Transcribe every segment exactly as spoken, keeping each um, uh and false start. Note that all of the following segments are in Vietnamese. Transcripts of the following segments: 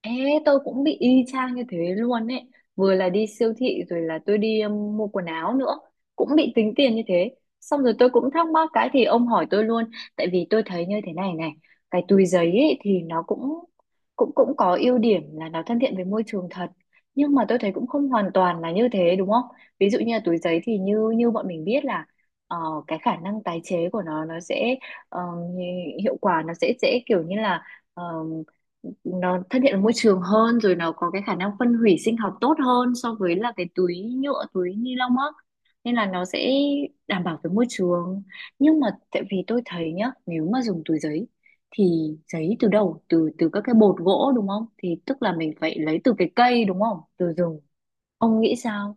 Ê, tôi cũng bị y chang như thế luôn ấy. Vừa là đi siêu thị rồi là tôi đi um, mua quần áo nữa. Cũng bị tính tiền như thế. Xong rồi tôi cũng thắc mắc cái thì ông hỏi tôi luôn. Tại vì tôi thấy như thế này này. Cái túi giấy ấy thì nó cũng cũng cũng có ưu điểm là nó thân thiện với môi trường thật. Nhưng mà tôi thấy cũng không hoàn toàn là như thế đúng không? Ví dụ như là túi giấy thì như như bọn mình biết là ờ, cái khả năng tái chế của nó nó sẽ ờ, hiệu quả nó sẽ sẽ kiểu như là nó thân thiện với môi trường hơn, rồi nó có cái khả năng phân hủy sinh học tốt hơn so với là cái túi nhựa, túi ni lông á, nên là nó sẽ đảm bảo với môi trường. Nhưng mà tại vì tôi thấy nhá, nếu mà dùng túi giấy thì giấy từ đâu? Từ từ các cái bột gỗ đúng không, thì tức là mình phải lấy từ cái cây đúng không, từ rừng. Ông nghĩ sao?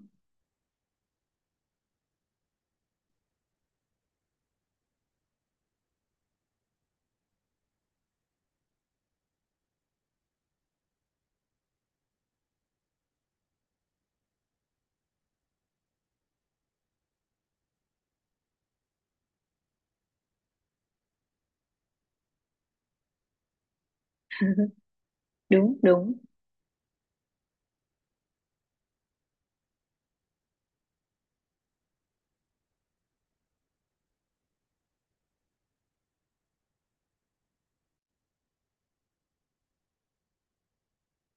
đúng đúng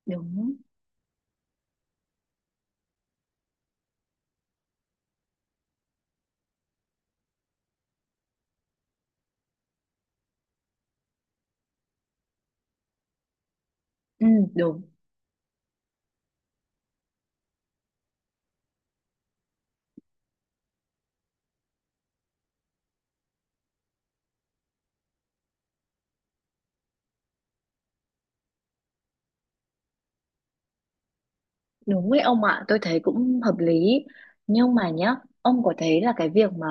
đúng ừ, đúng Đúng ấy ông ạ, tôi thấy cũng hợp lý. Nhưng mà nhá, ông có thấy là cái việc mà,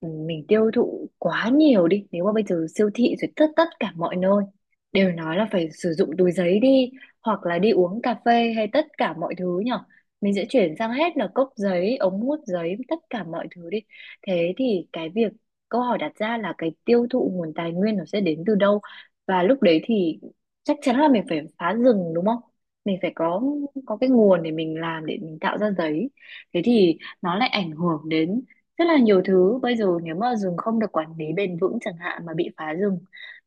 ừ, mình tiêu thụ quá nhiều đi, nếu mà bây giờ siêu thị rồi tất tất cả mọi nơi đều nói là phải sử dụng túi giấy đi, hoặc là đi uống cà phê hay tất cả mọi thứ nhở. Mình sẽ chuyển sang hết là cốc giấy, ống hút giấy, tất cả mọi thứ đi. Thế thì cái việc câu hỏi đặt ra là cái tiêu thụ nguồn tài nguyên nó sẽ đến từ đâu? Và lúc đấy thì chắc chắn là mình phải phá rừng đúng không? Mình phải có có cái nguồn để mình làm, để mình tạo ra giấy. Thế thì nó lại ảnh hưởng đến rất là nhiều thứ. Bây giờ nếu mà rừng không được quản lý bền vững chẳng hạn mà bị phá rừng,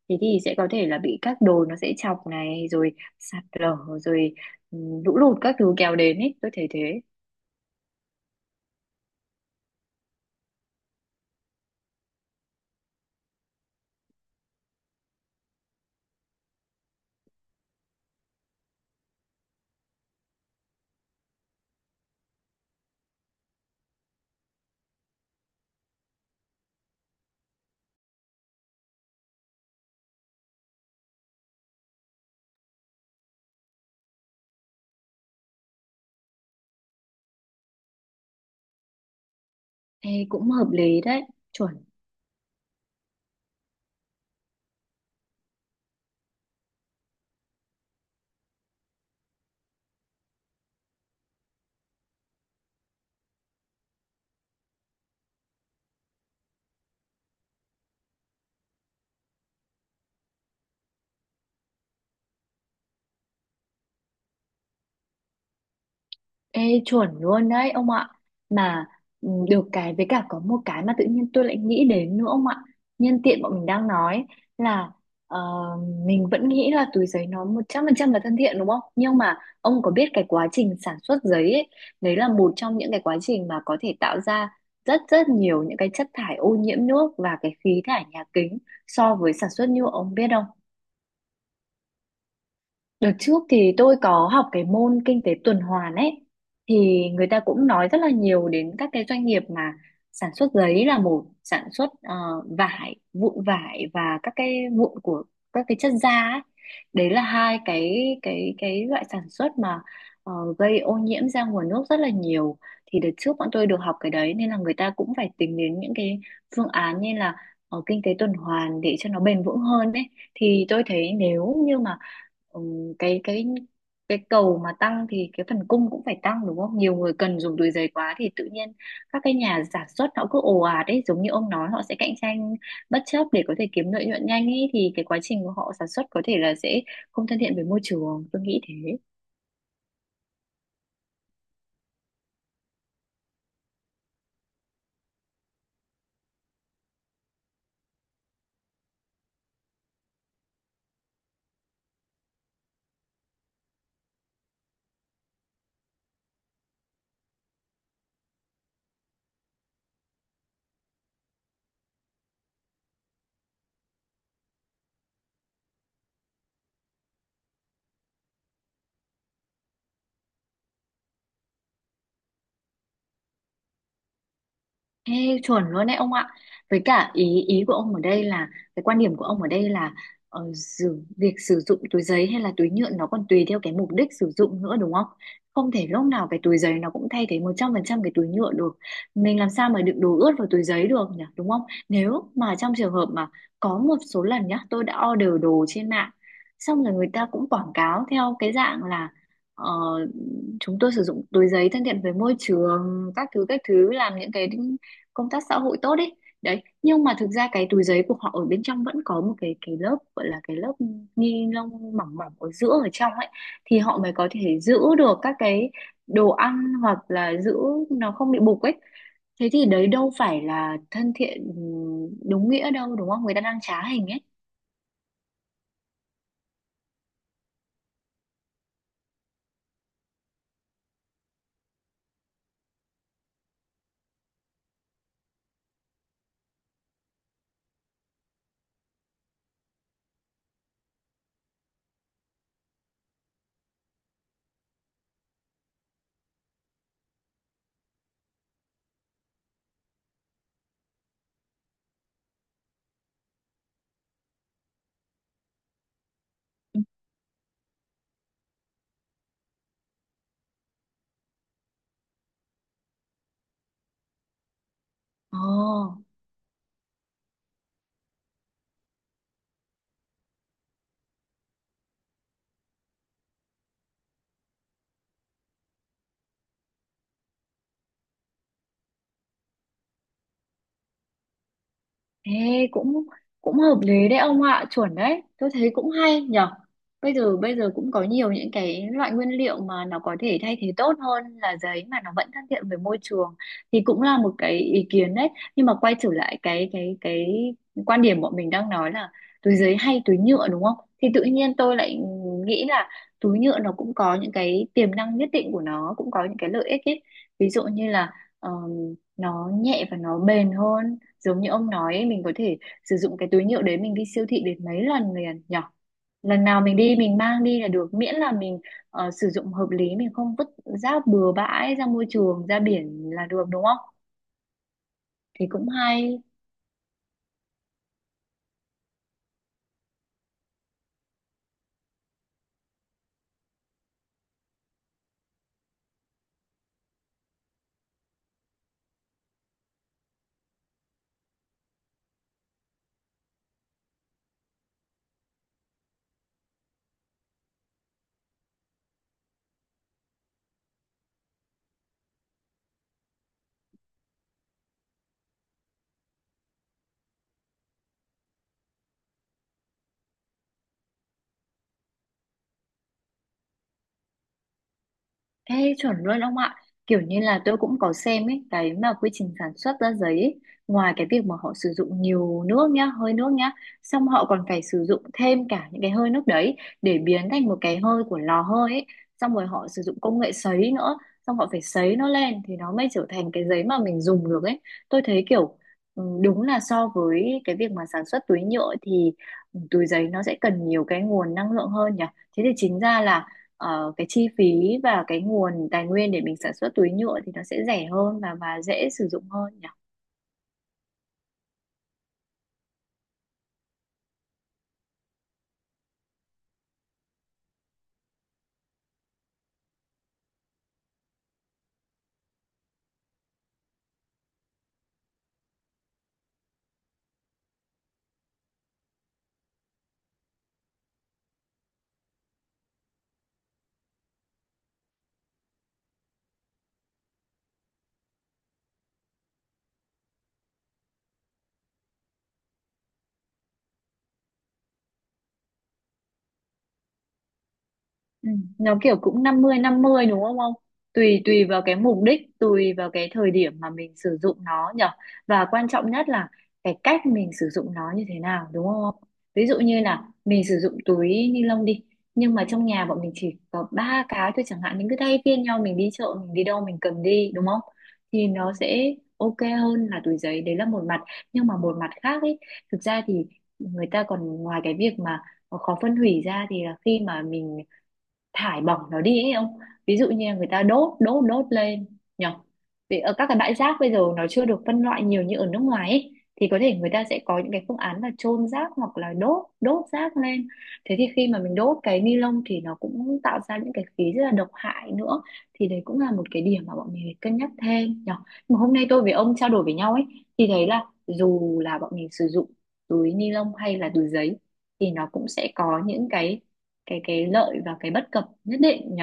thế thì sẽ có thể là bị các đồi nó sẽ chọc này, rồi sạt lở, rồi ừ, lũ lụt các thứ kéo đến ấy, tôi thấy thế. Ê, cũng hợp lý đấy, chuẩn. Ê, chuẩn luôn đấy ông ạ. Mà ừ, được cái với cả có một cái mà tự nhiên tôi lại nghĩ đến nữa ông ạ. Nhân tiện bọn mình đang nói là ờ, mình vẫn nghĩ là túi giấy nó một trăm phần trăm là thân thiện đúng không, nhưng mà ông có biết cái quá trình sản xuất giấy ấy, đấy là một trong những cái quá trình mà có thể tạo ra rất rất nhiều những cái chất thải ô nhiễm nước và cái khí thải nhà kính so với sản xuất nhựa, ông biết không? Đợt trước thì tôi có học cái môn kinh tế tuần hoàn ấy, thì người ta cũng nói rất là nhiều đến các cái doanh nghiệp mà sản xuất giấy là một, sản xuất ờ, vải, vụn vải và các cái vụn của các cái chất da ấy. Đấy là hai cái cái cái loại sản xuất mà ờ, gây ô nhiễm ra nguồn nước rất là nhiều. Thì đợt trước bọn tôi được học cái đấy nên là người ta cũng phải tính đến những cái phương án như là ờ, kinh tế tuần hoàn để cho nó bền vững hơn ấy. Thì tôi thấy nếu như mà ừ, cái cái cái cầu mà tăng thì cái phần cung cũng phải tăng đúng không? Nhiều người cần dùng túi giấy quá thì tự nhiên các cái nhà sản xuất họ cứ ồ ạt ấy, giống như ông nói, họ sẽ cạnh tranh bất chấp để có thể kiếm lợi nhuận nhanh ấy, thì cái quá trình của họ sản xuất có thể là sẽ không thân thiện với môi trường, tôi nghĩ thế. Ê, chuẩn luôn đấy ông ạ. Với cả ý ý của ông ở đây là cái quan điểm của ông ở đây là ờ, sử, việc sử dụng túi giấy hay là túi nhựa nó còn tùy theo cái mục đích sử dụng nữa đúng không? Không thể lúc nào cái túi giấy nó cũng thay thế một trăm phần trăm cái túi nhựa được. Mình làm sao mà đựng đồ ướt vào túi giấy được nhỉ, đúng không? Nếu mà trong trường hợp mà có một số lần nhá, tôi đã order đồ trên mạng, xong rồi người ta cũng quảng cáo theo cái dạng là ờ, chúng tôi sử dụng túi giấy thân thiện với môi trường các thứ các thứ, làm những cái công tác xã hội tốt ấy, đấy, nhưng mà thực ra cái túi giấy của họ ở bên trong vẫn có một cái cái lớp gọi là cái lớp ni lông mỏng mỏng ở giữa ở trong ấy, thì họ mới có thể giữ được các cái đồ ăn hoặc là giữ nó không bị bục ấy. Thế thì đấy đâu phải là thân thiện đúng nghĩa đâu, đúng không, người ta đang trá hình ấy. Ồ. Ê, cũng cũng hợp lý đấy ông ạ, chuẩn đấy. Tôi thấy cũng hay nhở. Bây giờ bây giờ cũng có nhiều những cái loại nguyên liệu mà nó có thể thay thế tốt hơn là giấy mà nó vẫn thân thiện với môi trường, thì cũng là một cái ý kiến đấy. Nhưng mà quay trở lại cái cái cái quan điểm bọn mình đang nói là túi giấy hay túi nhựa đúng không? Thì tự nhiên tôi lại nghĩ là túi nhựa nó cũng có những cái tiềm năng nhất định của nó, cũng có những cái lợi ích ấy. Ví dụ như là ờ, nó nhẹ và nó bền hơn, giống như ông nói ấy, mình có thể sử dụng cái túi nhựa đấy mình đi siêu thị đến mấy lần liền nhở. Lần nào mình đi mình mang đi là được, miễn là mình ờ, sử dụng hợp lý, mình không vứt rác bừa bãi ra môi trường, ra biển là được đúng không? Thì cũng hay. Ê, chuẩn luôn ông ạ. Kiểu như là tôi cũng có xem ấy, cái mà quy trình sản xuất ra giấy ấy, ngoài cái việc mà họ sử dụng nhiều nước nhá, hơi nước nhá, xong họ còn phải sử dụng thêm cả những cái hơi nước đấy để biến thành một cái hơi của lò hơi ấy. Xong rồi họ sử dụng công nghệ sấy nữa, xong họ phải sấy nó lên thì nó mới trở thành cái giấy mà mình dùng được ấy. Tôi thấy kiểu ừ, đúng là so với cái việc mà sản xuất túi nhựa thì túi giấy nó sẽ cần nhiều cái nguồn năng lượng hơn nhỉ. Thế thì chính ra là ờ, cái chi phí và cái nguồn tài nguyên để mình sản xuất túi nhựa thì nó sẽ rẻ hơn và và dễ sử dụng hơn nhỉ? Ừ. Nó kiểu cũng năm mươi năm mươi đúng không ông? Tùy tùy vào cái mục đích, tùy vào cái thời điểm mà mình sử dụng nó nhở. Và quan trọng nhất là cái cách mình sử dụng nó như thế nào đúng không ông? Ví dụ như là mình sử dụng túi ni lông đi, nhưng mà trong nhà bọn mình chỉ có ba cái thôi chẳng hạn, mình cứ thay phiên nhau mình đi chợ, mình đi đâu mình cầm đi đúng không? Thì nó sẽ ok hơn là túi giấy, đấy là một mặt, nhưng mà một mặt khác ấy, thực ra thì người ta còn ngoài cái việc mà khó phân hủy ra thì là khi mà mình thải bỏng nó đi ấy ông, ví dụ như là người ta đốt đốt đốt lên nhỉ, vì ở các cái bãi rác bây giờ nó chưa được phân loại nhiều như ở nước ngoài ấy, thì có thể người ta sẽ có những cái phương án là chôn rác hoặc là đốt đốt rác lên. Thế thì khi mà mình đốt cái ni lông thì nó cũng tạo ra những cái khí rất là độc hại nữa, thì đấy cũng là một cái điểm mà bọn mình phải cân nhắc thêm nhỉ. Mà hôm nay tôi với ông trao đổi với nhau ấy, thì thấy là dù là bọn mình sử dụng túi ni lông hay là túi giấy thì nó cũng sẽ có những cái cái cái lợi và cái bất cập nhất định nhỉ.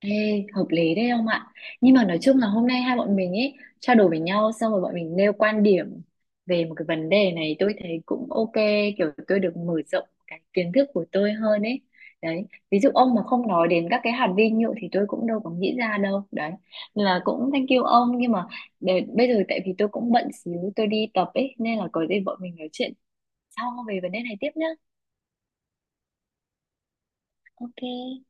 Ê, hợp lý đấy ông ạ, nhưng mà nói chung là hôm nay hai bọn mình ấy trao đổi với nhau xong rồi bọn mình nêu quan điểm về một cái vấn đề này, tôi thấy cũng ok, kiểu tôi được mở rộng cái kiến thức của tôi hơn ấy. Đấy, ví dụ ông mà không nói đến các cái hạt vi nhựa thì tôi cũng đâu có nghĩ ra đâu đấy. Nên là cũng thank you ông, nhưng mà để, bây giờ tại vì tôi cũng bận xíu tôi đi tập ấy, nên là có gì bọn mình nói chuyện sau về vấn đề này tiếp nhá. Ok.